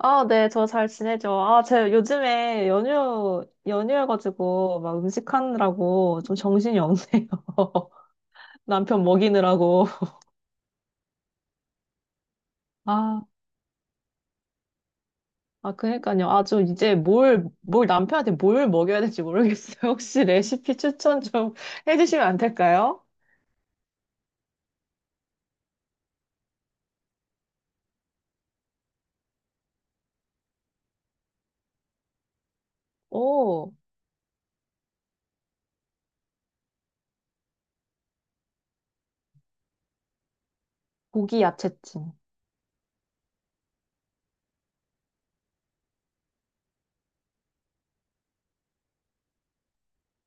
아, 네, 저 잘 지내죠. 아, 제가 요즘에 연휴여가지고 막 음식하느라고 좀 정신이 없네요. 남편 먹이느라고. 아, 아, 그니까요. 아, 좀 이제 뭘 남편한테 뭘 먹여야 될지 모르겠어요. 혹시 레시피 추천 좀 해주시면 안 될까요? 오, 고기 야채찜.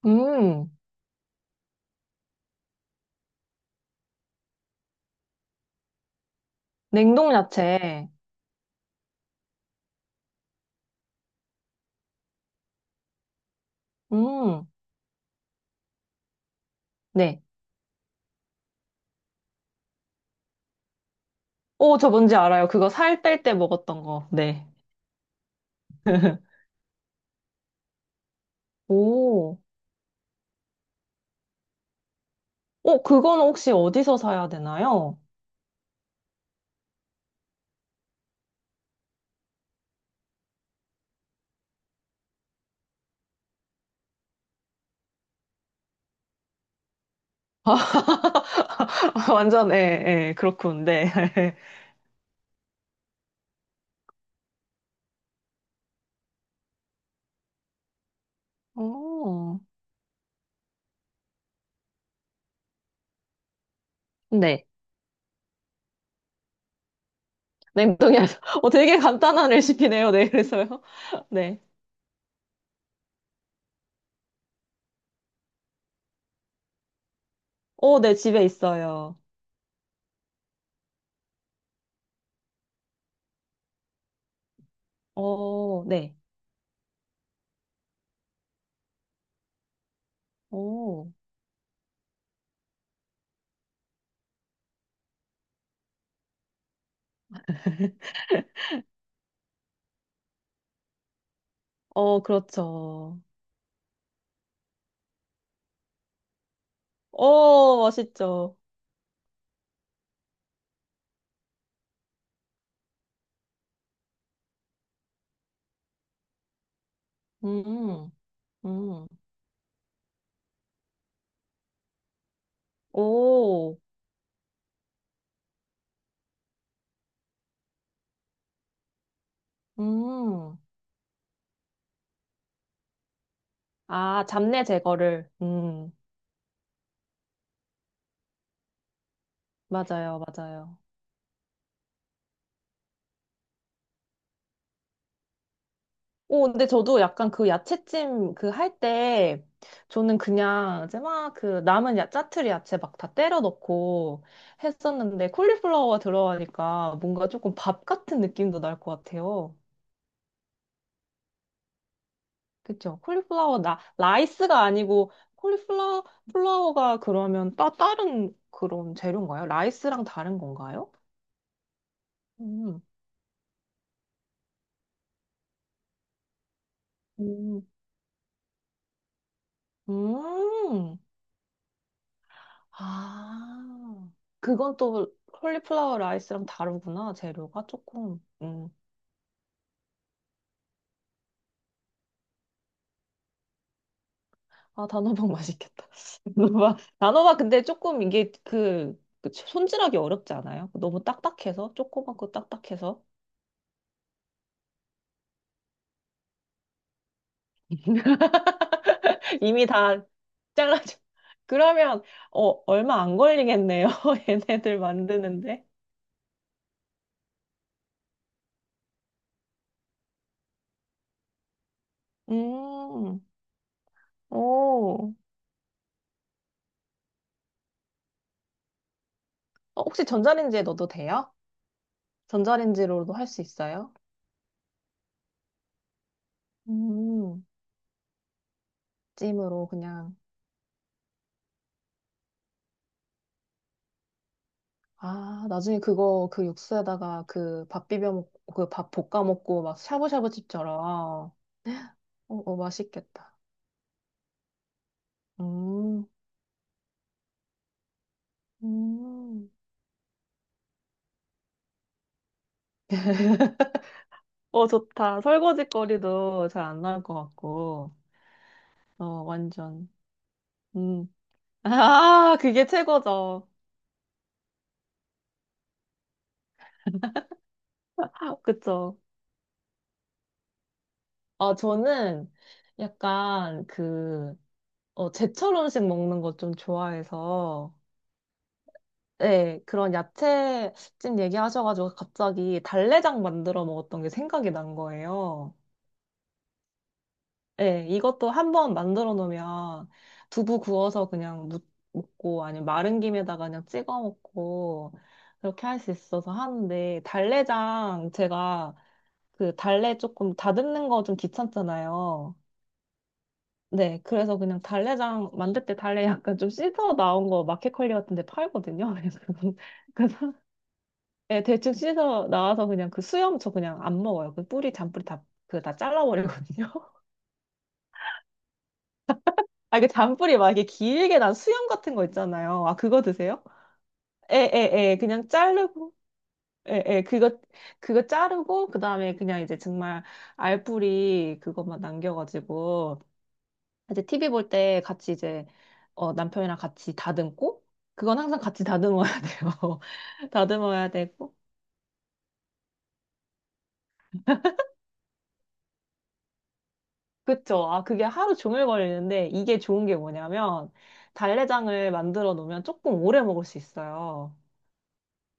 음, 냉동 야채. 음, 네. 오, 저 뭔지 알아요. 그거 살 뺄 때 먹었던 거. 네. 오. 어, 그건 혹시 어디서 사야 되나요? 완전, 예, 예, 그렇군, 네. 어, 네. 냉동이 아니라, 어, 되게 간단한 레시피네요, 네, 그래서요. 네. 어, 네, 집에 있어요. 어, 네. 오, 어, 그렇죠. 어, 맛있죠. 음, 음, 오, 음. 아, 잡내 제거를. 맞아요, 맞아요. 오, 근데 저도 약간 그 야채찜 그 할 때, 저는 그냥 이제 막 그 남은 야, 짜투리 야채 막 다 때려 넣고 했었는데, 콜리플라워가 들어가니까 뭔가 조금 밥 같은 느낌도 날 것 같아요. 그쵸? 콜리플라워, 나, 라이스가 아니고, 콜리플라워, 플라워가 그러면 다른 그런 재료인가요? 라이스랑 다른 건가요? 음, 음, 음. 아, 그건 또 콜리플라워 라이스랑 다르구나. 재료가 조금, 아, 단호박 맛있겠다. 단호박, 단호박 근데 조금 이게 그, 그 손질하기 어렵지 않아요? 너무 딱딱해서? 조그맣고 딱딱해서? 이미 다 잘라줘. 그러면, 어, 얼마 안 걸리겠네요. 얘네들 만드는데. 음, 오. 어, 혹시 전자레인지에 넣어도 돼요? 전자레인지로도 할 수 있어요? 음, 찜으로 그냥. 아, 나중에 그거 그 육수에다가 그 밥 비벼 먹고 그 밥 볶아 먹고 막 샤브샤브집처럼. 어, 어, 맛있겠다. 음, 음. 어, 좋다. 설거지거리도 잘 안 나올 것 같고. 어, 완전. 음. 아, 그게 최고죠. 아, 그쵸. 어, 저는 약간 그, 어, 제철 음식 먹는 거 좀 좋아해서 네, 그런 야채집 얘기하셔가지고 갑자기 달래장 만들어 먹었던 게 생각이 난 거예요. 네, 이것도 한번 만들어 놓으면 두부 구워서 그냥 먹고 아니면 마른 김에다가 그냥 찍어 먹고 그렇게 할 수 있어서 하는데 달래장 제가 그 달래 조금 다듬는 거 좀 귀찮잖아요. 네, 그래서 그냥 달래장 만들 때 달래 약간 좀 씻어 나온 거 마켓컬리 같은 데 팔거든요. 그래서 예, 대충 씻어 나와서 그냥 그 수염 저 그냥 안 먹어요. 그 뿌리, 잔뿌리 다, 그 다 잘라버리거든요. 아, 그 잔뿌리 막 이게 길게 난 수염 같은 거 있잖아요. 아, 그거 드세요? 에에에 그냥 자르고, 에에 그거, 그거 자르고, 그 다음에 그냥 이제 정말 알뿌리 그것만 남겨가지고, 이제 TV 볼 때 같이 이제, 어, 남편이랑 같이 다듬고, 그건 항상 같이 다듬어야 돼요. 다듬어야 되고. 그쵸. 아, 그게 하루 종일 걸리는데 이게 좋은 게 뭐냐면 달래장을 만들어 놓으면 조금 오래 먹을 수 있어요.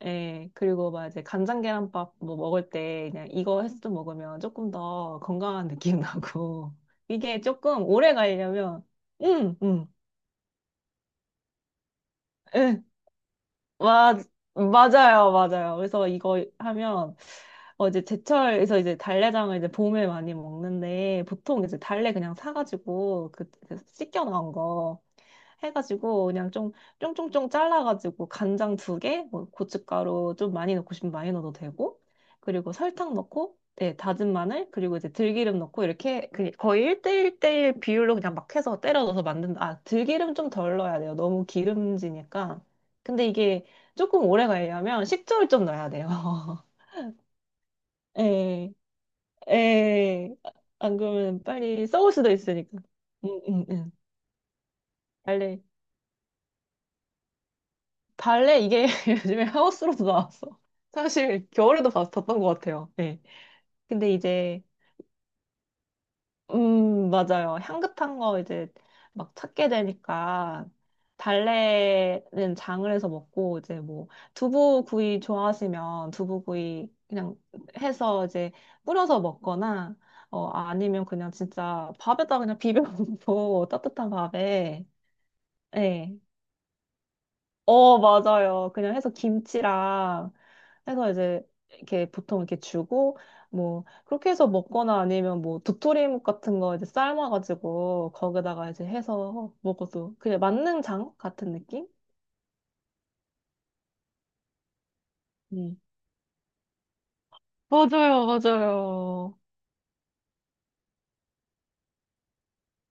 예, 그리고 막 이제 간장 계란밥 뭐 먹을 때 그냥 이거 해서 좀 먹으면 조금 더 건강한 느낌 나고 이게 조금 오래 가려면 음, 음, 예. 와, 맞아요, 맞아요. 그래서 이거 하면, 어, 이제 제철에서 이제 달래장을 이제 봄에 많이 먹는데, 보통 이제 달래 그냥 사가지고, 그, 그 씻겨 나온 거 해가지고, 그냥 좀, 쫑쫑쫑 잘라가지고, 간장 두 개, 뭐 고춧가루 좀 많이 넣고 싶으면 많이 넣어도 되고, 그리고 설탕 넣고, 네, 다진 마늘, 그리고 이제 들기름 넣고, 이렇게 그 거의 1대1대1 비율로 그냥 막 해서 때려 넣어서 만든다. 아, 들기름 좀 덜 넣어야 돼요. 너무 기름지니까. 근데 이게 조금 오래 가려면 식초를 좀 넣어야 돼요. 예, 예. 안 그러면 빨리 썩을 수도 있으니까. 응, 응, 응. 발레, 발레 이게 요즘에 하우스로도 나왔어. 사실 겨울에도 봤던 것 같아요. 예. 근데 이제 맞아요. 향긋한 거 이제 막 찾게 되니까 달래는 장을 해서 먹고 이제 뭐 두부구이 좋아하시면 두부구이 그냥 해서 이제 뿌려서 먹거나 어 아니면 그냥 진짜 밥에다 그냥 비벼 먹고 따뜻한 밥에 네. 어, 맞아요. 그냥 해서 김치랑 해서 이제 이렇게 보통 이렇게 주고 뭐 그렇게 해서 먹거나 아니면 뭐 도토리묵 같은 거 이제 삶아가지고 거기다가 이제 해서 먹어도 그냥 만능장 같은 느낌? 음. 맞아요, 맞아요.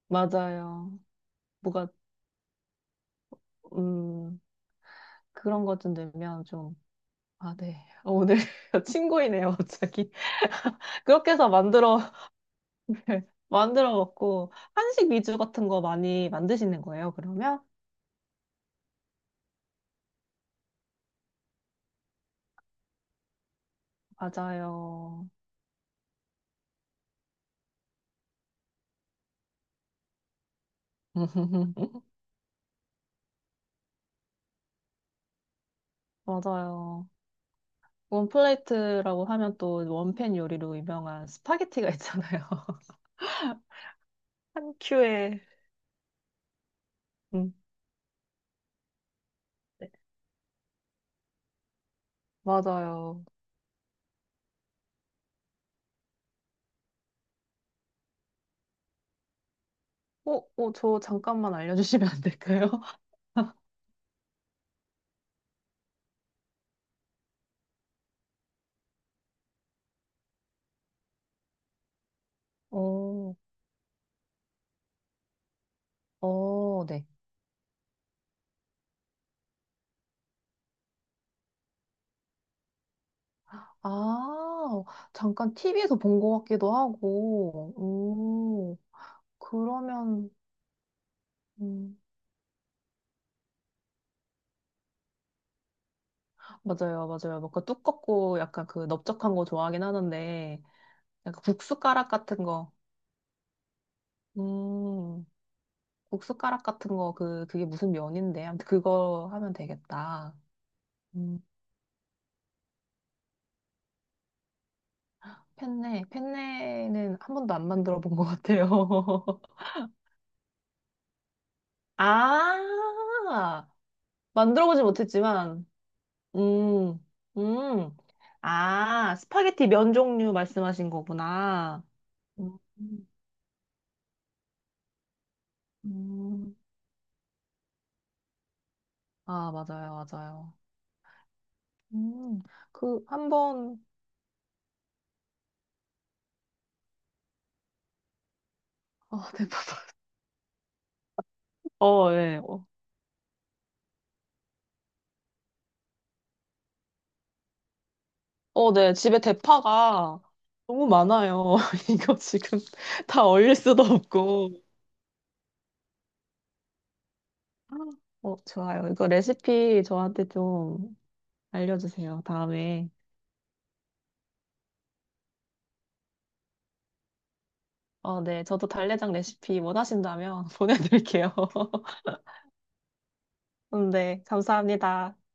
맞아요. 뭐가 음 그런 것 좀 되면 좀 아, 네. 오늘 친구이네요, 갑자기. 그렇게 해서 만들어 만들어 먹고 한식 위주 같은 거 많이 만드시는 거예요, 그러면? 맞아요. 맞아요. 원플레이트라고 하면 또 원팬 요리로 유명한 스파게티가 있잖아요. 한 큐에. 음, 네. 맞아요. 어, 어, 저 잠깐만 알려주시면 안 될까요? 오, 오, 네. 아, 잠깐 TV에서 본 것 같기도 하고, 오, 그러면, 음, 맞아요, 맞아요. 뭔가 두껍고 약간 그 넓적한 거 좋아하긴 하는데, 약간 국숫가락 같은 거, 음, 국숫가락 같은 거, 그, 그게 무슨 면인데. 아무튼 그거 하면 되겠다. 음, 펜네. 펜네는 한 번도 안 만들어 본 것 같아요. 아, 만들어 보지 못했지만, 음, 음. 아, 스파게티 면 종류 말씀하신 거구나. 음, 음. 아, 맞아요, 맞아요. 음, 그, 한 번, 어, 대파 어, 예. 어, 네. 집에 대파가 너무 많아요. 이거 지금 다 얼릴 수도 없고. 어, 좋아요. 이거 레시피 저한테 좀 알려주세요. 다음에. 어, 네. 저도 달래장 레시피 원하신다면 보내드릴게요. 네. 감사합니다.